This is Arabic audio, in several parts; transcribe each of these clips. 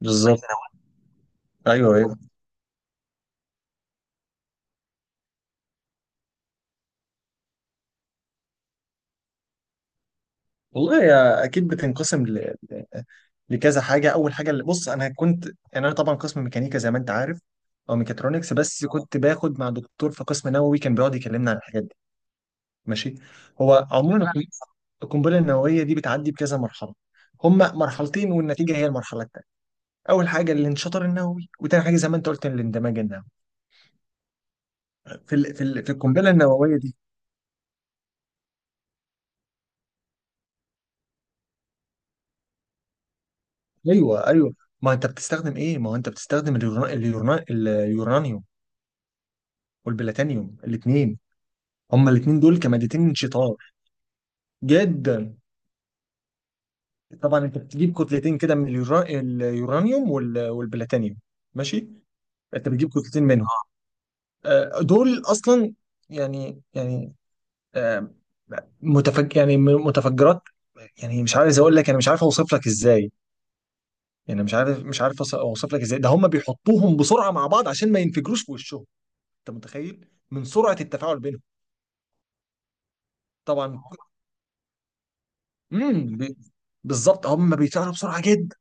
بالظبط. ايوه ايوه، والله هي اكيد بتنقسم لكذا حاجه. اول حاجه اللي بص انا كنت، يعني انا طبعا قسم ميكانيكا زي ما انت عارف او ميكاترونكس، بس كنت باخد مع دكتور في قسم نووي كان بيقعد يكلمنا عن الحاجات دي. ماشي. هو عموما القنبلة النوويه دي بتعدي بكذا مرحله. هما مرحلتين، والنتيجه هي المرحله الثانيه. اول حاجه الانشطار النووي، وتاني حاجه زي ما انت قلت الاندماج النووي في القنبله النوويه دي. ايوه ايوه. ما انت بتستخدم ايه؟ ما هو انت بتستخدم اليورانيوم والبلاتينيوم الاثنين. هما الاثنين دول كمادتين شطار جدا. طبعا انت بتجيب كتلتين كده من اليورانيوم والبلاتينيوم. ماشي. انت بتجيب كتلتين منهم. اه. دول اصلا، يعني آه، متفجرات. يعني مش عايز اقول لك، انا مش عارف اوصف لك ازاي، يعني مش عارف مش عارف أوص- اوصف لك ازاي. ده هم بيحطوهم بسرعه مع بعض عشان ما ينفجروش في وشهم. انت متخيل من سرعه التفاعل بينهم. طبعا. امم بالظبط. هم بيتفاعلوا بسرعه جدا.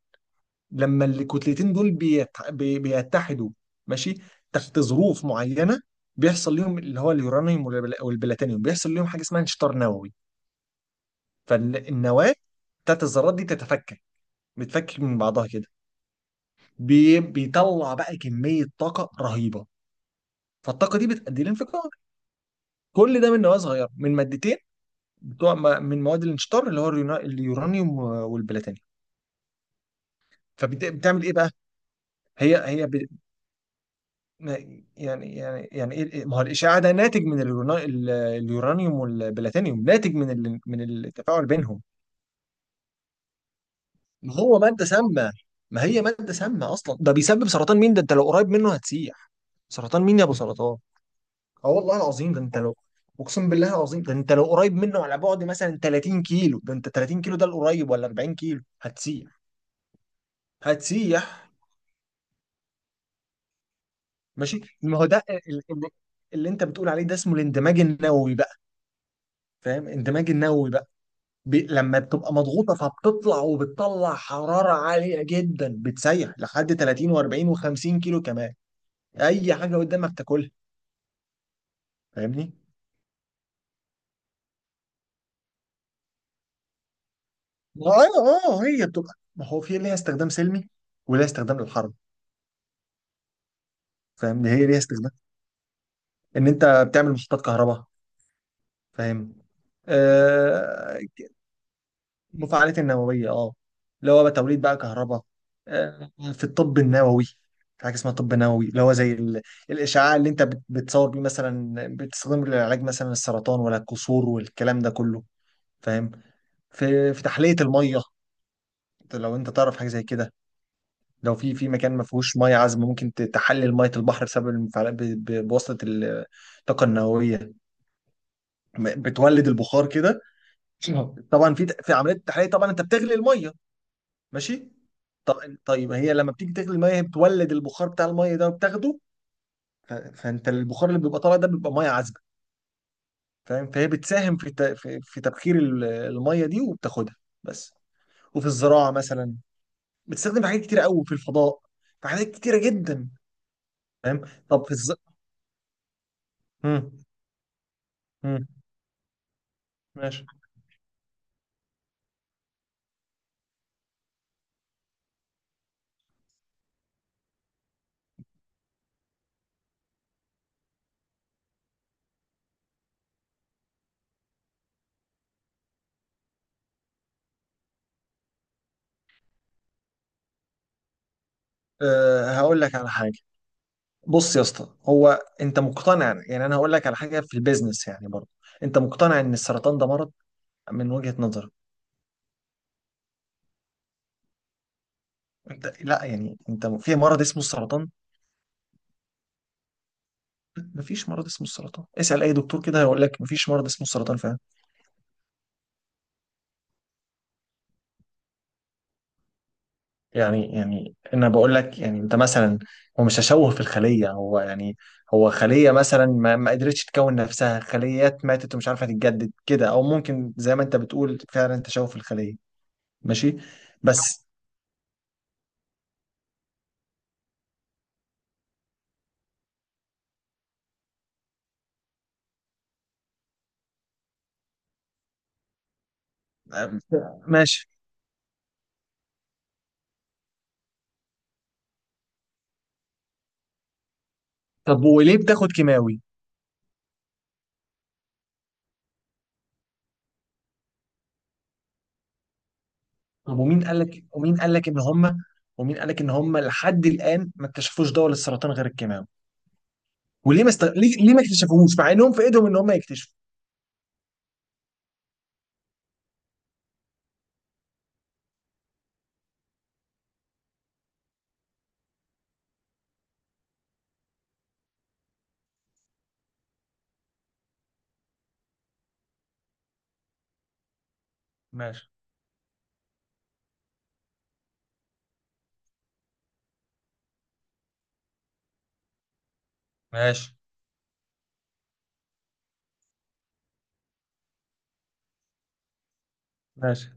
لما الكتلتين دول بيتحدوا، ماشي، تحت ظروف معينه بيحصل ليهم، اللي هو اليورانيوم والبلاتينيوم بيحصل ليهم حاجه اسمها انشطار نووي. فالنواه بتاعت الذرات دي تتفكك، بتفكك من بعضها كده. بيطلع بقى كميه طاقه رهيبه. فالطاقه دي بتؤدي لانفجار. كل ده من نواه صغيره، من مادتين بتوع من مواد الانشطار اللي هو اليورانيوم والبلاتينيوم. فبتعمل ايه بقى؟ هي هي ما هو الاشعاع ده ناتج من اليورانيوم والبلاتينيوم، ناتج من من التفاعل بينهم. ما هو ماده سامه، ما هي ماده سامه اصلا. ده بيسبب سرطان مين؟ ده انت لو قريب منه هتسيح. سرطان مين يا ابو سرطان؟ اه والله العظيم، ده انت لو، اقسم بالله العظيم ده انت لو قريب منه على بعد مثلا 30 كيلو، ده انت 30 كيلو ده القريب ولا 40 كيلو، هتسيح. هتسيح. ماشي. ما هو اللي انت بتقول عليه ده اسمه الاندماج النووي بقى. فاهم؟ اندماج النووي بقى. لما بتبقى مضغوطه فبتطلع، وبتطلع حراره عاليه جدا، بتسيح لحد 30 و40 و50 كيلو كمان، اي حاجه قدامك تاكلها. فاهمني؟ اه اه. هي بتبقى، ما هو في ليها استخدام سلمي وليها استخدام للحرب. فاهم، هي ليها استخدام ان انت بتعمل محطات كهرباء. فاهم. آه، مفاعلات النووية اه، اللي هو بقى توليد بقى كهرباء. في الطب النووي، في حاجة اسمها طب نووي، اللي هو زي الإشعاع اللي أنت بتصور بيه مثلا، بتستخدمه للعلاج مثلا السرطان ولا الكسور والكلام ده كله. فاهم. في تحلية المية. أنت لو أنت تعرف حاجة زي كده. لو في مكان ما فيهوش مية عذبة، ممكن تحلل مية البحر بسبب المفاعلات، بواسطة الطاقة النووية. بتولد البخار كده. طبعا في عملية التحلية طبعا أنت بتغلي المية. ماشي. طب طيب، ما هي لما بتيجي تغلي الميه، هي بتولد البخار بتاع الميه ده وبتاخده. فانت البخار اللي بيبقى طالع ده بيبقى ميه عذبه. فاهم. فهي بتساهم في تبخير الميه دي وبتاخدها. بس. وفي الزراعه مثلا، بتستخدم في حاجات كتير قوي، في الفضاء، في حاجات كتيره جدا. فاهم. طب مم. مم. ماشي. أه هقول لك على حاجه. بص يا اسطى، هو انت مقتنع؟ يعني انا هقول لك على حاجه في البيزنس يعني برضه. انت مقتنع ان السرطان ده مرض، من وجهه نظرك؟ انت لا، يعني انت في مرض اسمه السرطان. مفيش مرض اسمه السرطان، اسأل اي دكتور كده هيقول لك مفيش مرض اسمه السرطان فعلا. يعني انا بقول لك، يعني انت مثلا، هو مش تشوه في الخلية، هو يعني، هو خلية مثلا ما، ما قدرتش تكون نفسها، خليات ماتت ومش عارفة تتجدد كده، او ممكن زي ما انت بتقول فعلا تشوه في الخلية. ماشي بس. أم، ماشي. طب وليه بتاخد كيماوي؟ طب ومين قال لك ان هم، ومين قال لك ان هم لحد الان ما اكتشفوش دواء للسرطان غير الكيماوي؟ وليه ما است... ليه... ليه ما اكتشفوهوش مع انهم في ايدهم ان هم يكتشفوا؟ ماشي. ماشي. ماشي.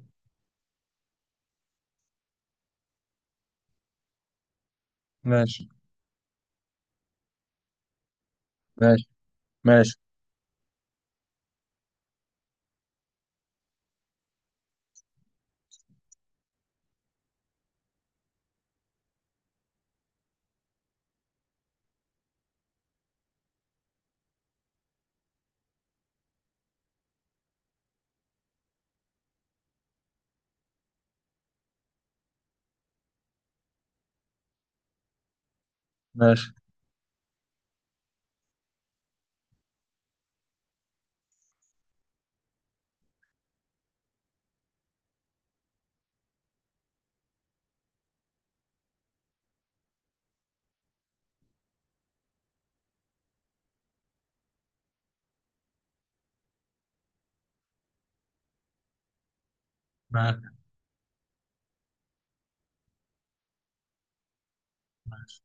ماشي. ماشي. ماشي. ماشي. ماشي. ماشي.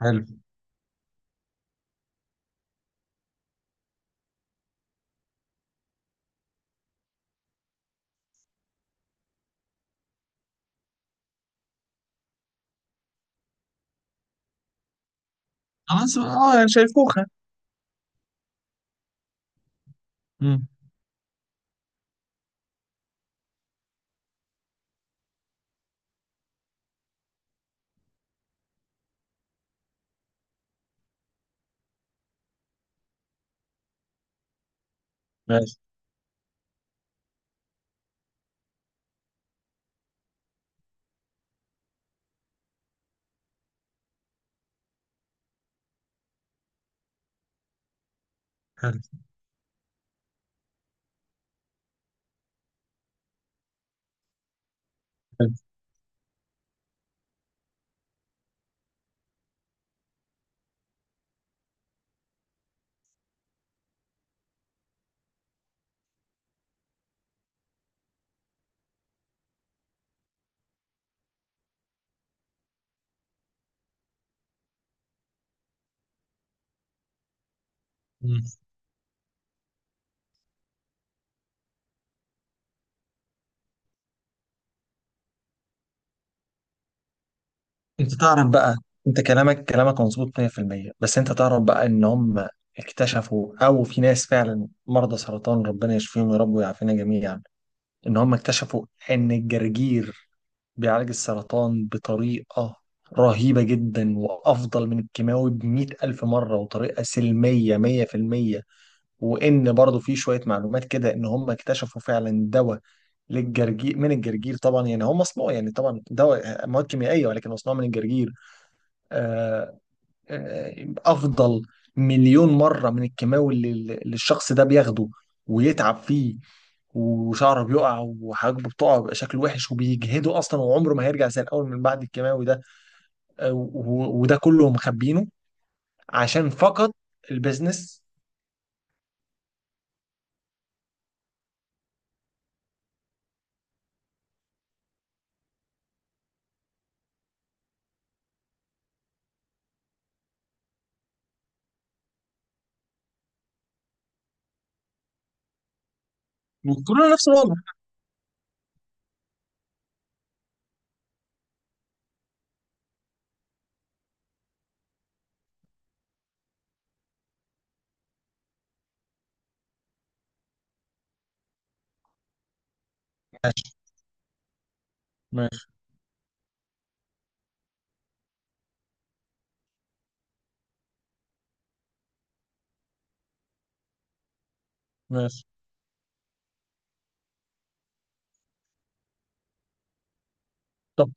حلو. خلاص اه، يعني شايفوها. مم. ماشي. حلو. حلو. مم. انت تعرف بقى، انت كلامك مظبوط 100%، بس انت تعرف بقى ان هم اكتشفوا، او في ناس فعلا مرضى سرطان، ربنا يشفيهم يا رب ويعافينا جميعا، ان هم اكتشفوا ان الجرجير بيعالج السرطان بطريقة رهيبة جدا، وأفضل من الكيماوي بـ100000 مرة، وطريقة سلمية 100%. وإن برضو في شوية معلومات كده إن هم اكتشفوا فعلا دواء للجرجير، من الجرجير طبعا، يعني هو مصنوع، يعني طبعا دواء مواد كيميائية، ولكن مصنوع من الجرجير. آه، أفضل 1000000 مرة من الكيماوي اللي الشخص ده بياخده، ويتعب فيه، وشعره بيقع وحاجبه بتقع، وبيبقى شكله وحش وبيجهده اصلا، وعمره ما هيرجع زي الاول من بعد الكيماوي ده. وده كله مخبينه عشان فقط البيزنس. وكلنا نفس الوضع. ماشي. ماشي. ماشي. طب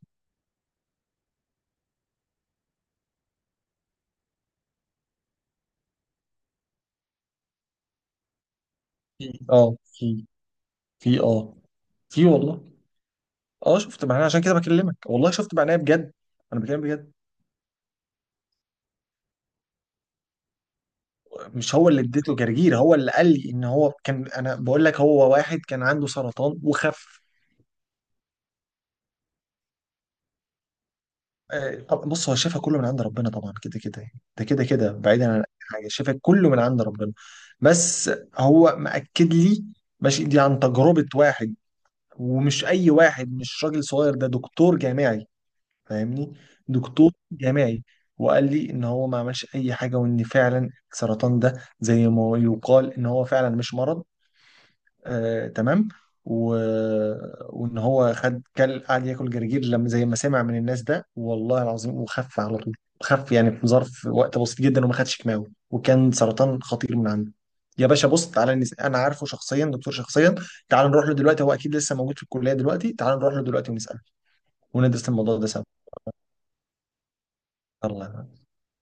في اه في في اه في، والله اه، شفت معناه، عشان كده بكلمك والله، شفت معناه بجد، انا بكلم بجد. مش هو اللي اديته جرجير، هو اللي قال لي ان هو كان، انا بقول لك، هو واحد كان عنده سرطان وخف. آه، طب بص، هو الشفاء كله من عند ربنا طبعا كده كده يعني. ده كده كده بعيدا عن اي حاجه، الشفاء كله من عند ربنا، بس هو مأكد لي ماشي دي عن تجربه واحد. ومش اي واحد، مش راجل صغير، ده دكتور جامعي، فاهمني، دكتور جامعي. وقال لي ان هو ما عملش اي حاجه، وان فعلا السرطان ده زي ما يقال ان هو فعلا مش مرض. آه تمام. و... وان هو خد، كل قعد ياكل جرجير لما زي ما سمع من الناس ده، والله العظيم وخف على طول. خف يعني في ظرف وقت بسيط جدا، وما خدش كيماوي، وكان سرطان خطير من عنده. يا باشا بص تعالى، انا عارفه شخصيا دكتور شخصيا، تعال نروح له دلوقتي، هو اكيد لسه موجود في الكليه دلوقتي، تعال نروح له دلوقتي ونساله، وندرس الموضوع ده سوا. يلا.